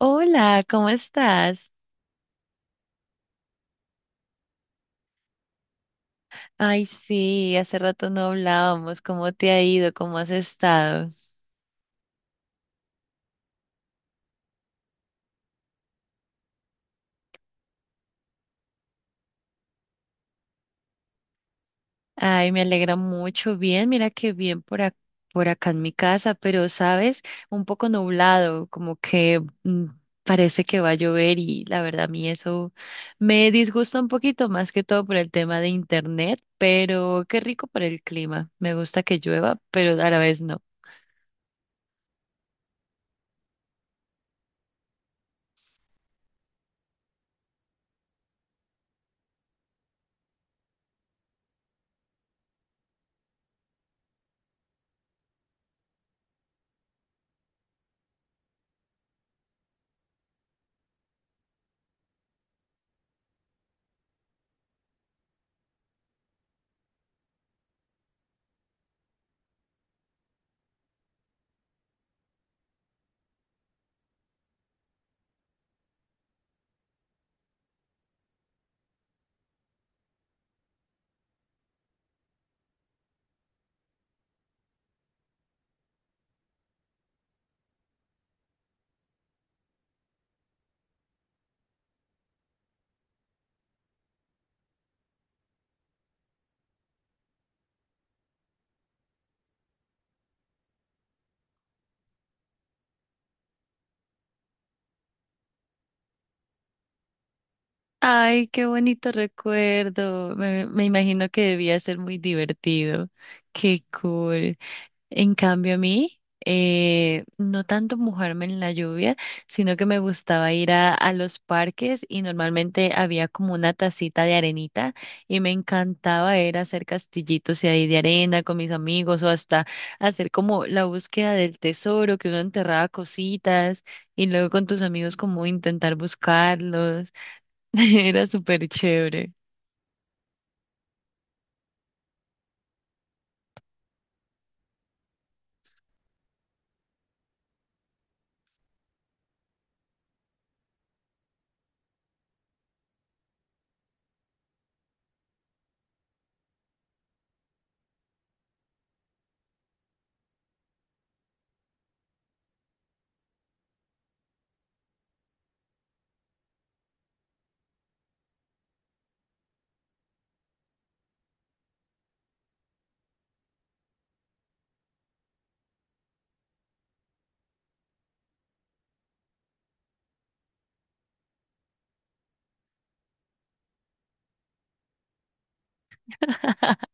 Hola, ¿cómo estás? Ay, sí, hace rato no hablábamos. ¿Cómo te ha ido? ¿Cómo has estado? Ay, me alegra mucho. Bien, mira que bien por acá en mi casa, pero sabes, un poco nublado, parece que va a llover y la verdad a mí eso me disgusta un poquito más que todo por el tema de internet, pero qué rico por el clima. Me gusta que llueva, pero a la vez no. Ay, qué bonito recuerdo. Me imagino que debía ser muy divertido. Qué cool. En cambio, a mí, no tanto mojarme en la lluvia, sino que me gustaba ir a los parques y normalmente había como una tacita de arenita y me encantaba era hacer castillitos y ahí de arena con mis amigos o hasta hacer como la búsqueda del tesoro, que uno enterraba cositas y luego con tus amigos como intentar buscarlos. Era súper chévere.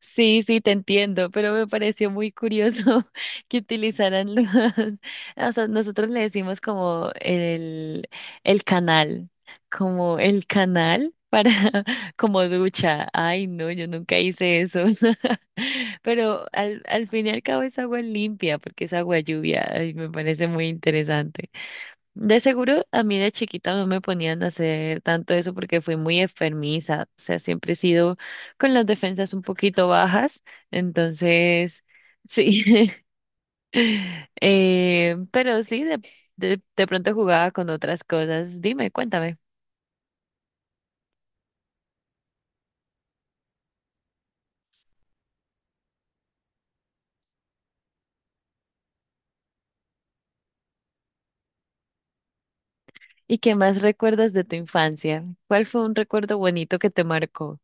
Sí, sí, te entiendo, pero me pareció muy curioso que utilizaran los, o sea, nosotros le decimos como el canal, como el canal para, como ducha. Ay, no, yo nunca hice eso. Pero al fin y al cabo es agua limpia, porque es agua lluvia, y me parece muy interesante. De seguro, a mí de chiquita no me ponían a hacer tanto eso porque fui muy enfermiza, o sea, siempre he sido con las defensas un poquito bajas, entonces, sí, eh, pero sí, de, de pronto jugaba con otras cosas. Dime, cuéntame. ¿Y qué más recuerdas de tu infancia? ¿Cuál fue un recuerdo bonito que te marcó?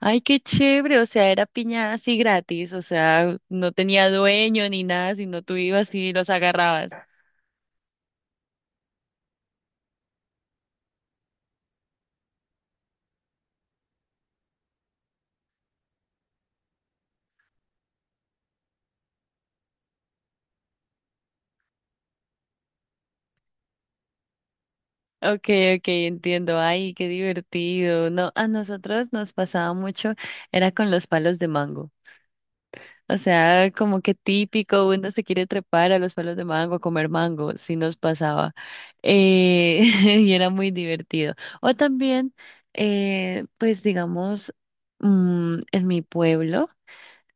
Ay, qué chévere, o sea, era piña así gratis, o sea, no tenía dueño ni nada, sino tú ibas y los agarrabas. Okay, okay, entiendo. Ay, qué divertido. No, a nosotros nos pasaba mucho, era con los palos de mango. O sea, como que típico, uno se quiere trepar a los palos de mango, a comer mango, sí nos pasaba. Eh, y era muy divertido. O también, pues digamos, en mi pueblo.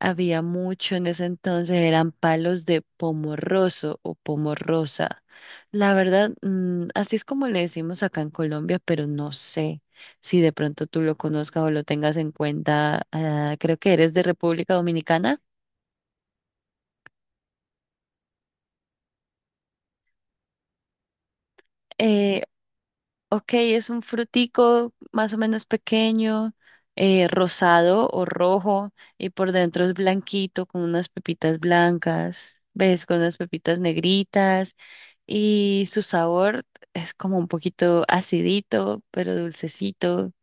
Había mucho en ese entonces, eran palos de pomorroso o pomorrosa. La verdad, así es como le decimos acá en Colombia, pero no sé si de pronto tú lo conozcas o lo tengas en cuenta. Ah, creo que eres de República Dominicana. Eh, ok, es un frutico más o menos pequeño, rosado o rojo, y por dentro es blanquito con unas pepitas blancas, ¿ves? Con unas pepitas negritas. Y su sabor es como un poquito acidito, pero dulcecito.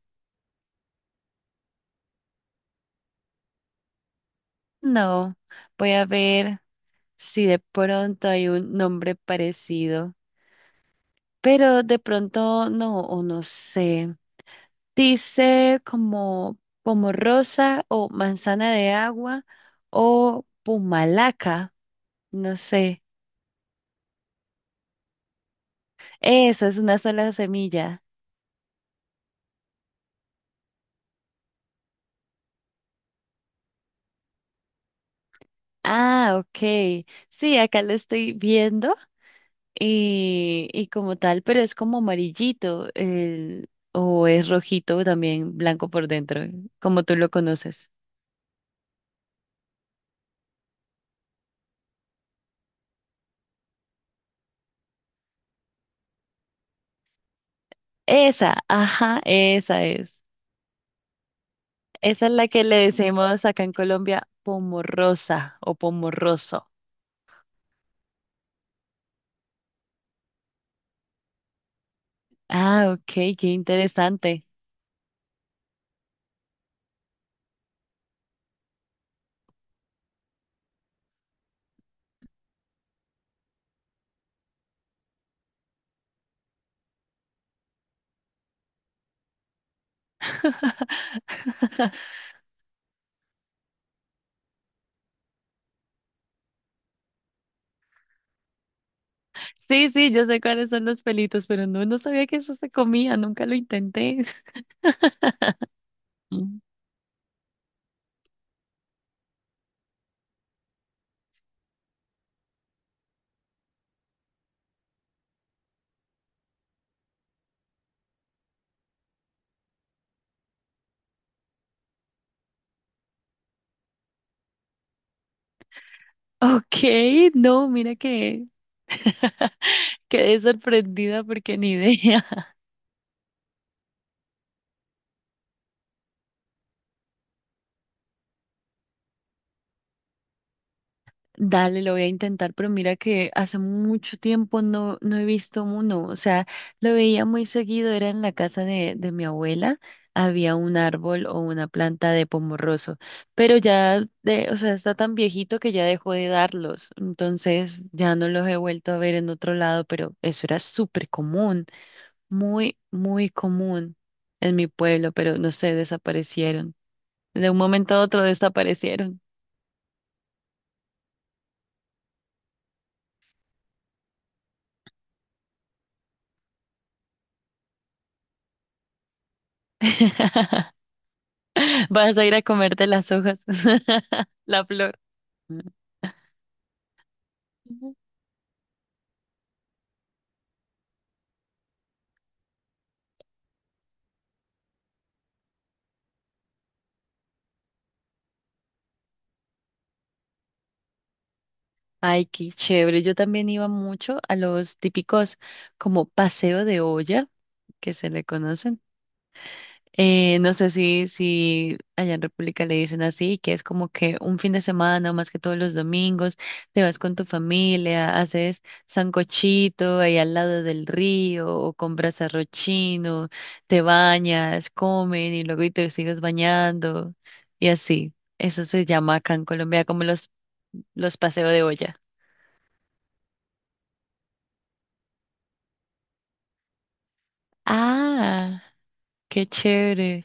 No, voy a ver si de pronto hay un nombre parecido, pero de pronto no, o no sé. Dice como rosa o manzana de agua o pumalaca, no sé. Esa es una sola semilla. Ah, ok. Sí, acá lo estoy viendo. Y como tal, pero es como amarillito, o es rojito también, blanco por dentro, como tú lo conoces. Esa, ajá, esa es. Esa es la que le decimos acá en Colombia pomorrosa o pomorroso. Ah, ok, qué interesante. Sí, sí, yo sé cuáles son los pelitos, pero no, no sabía que eso se comía, nunca lo intenté. Mm. Ok, no, mira que... Quedé sorprendida porque ni idea. Dale, lo voy a intentar, pero mira que hace mucho tiempo no, no he visto uno. O sea, lo veía muy seguido, era en la casa de mi abuela, había un árbol o una planta de pomorroso, pero ya, o sea, está tan viejito que ya dejó de darlos. Entonces ya no los he vuelto a ver en otro lado, pero eso era súper común, muy, muy común en mi pueblo, pero no sé, desaparecieron. De un momento a otro desaparecieron. Vas a ir a comerte las hojas, la flor. Ay, qué chévere. Yo también iba mucho a los típicos como paseo de olla, que se le conocen. No sé si allá en República le dicen así, que es como que un fin de semana, más que todos los domingos, te vas con tu familia, haces sancochito ahí al lado del río, o compras arroz chino, te bañas, comen y luego y te sigues bañando, y así. Eso se llama acá en Colombia como los paseos de olla. Ah, qué chévere.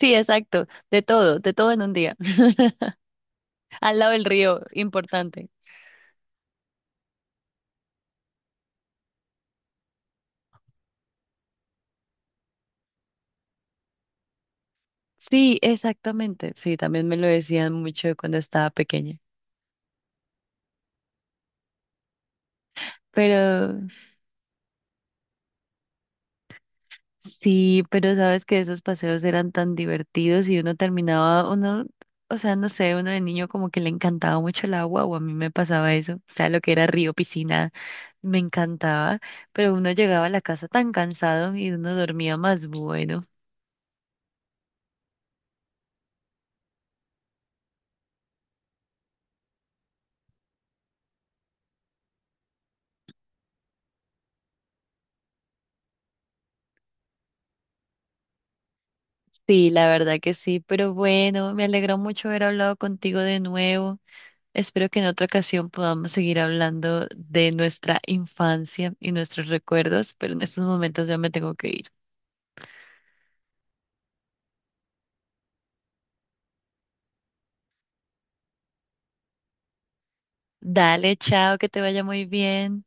Sí, exacto, de todo en un día. Al lado del río, importante. Sí, exactamente. Sí, también me lo decían mucho cuando estaba pequeña. Pero sí, pero sabes que esos paseos eran tan divertidos y uno terminaba, uno, o sea, no sé, uno de niño como que le encantaba mucho el agua, o a mí me pasaba eso. O sea, lo que era río, piscina, me encantaba. Pero uno llegaba a la casa tan cansado y uno dormía más bueno. Sí, la verdad que sí, pero bueno, me alegró mucho haber hablado contigo de nuevo. Espero que en otra ocasión podamos seguir hablando de nuestra infancia y nuestros recuerdos, pero en estos momentos ya me tengo que ir. Dale, chao, que te vaya muy bien.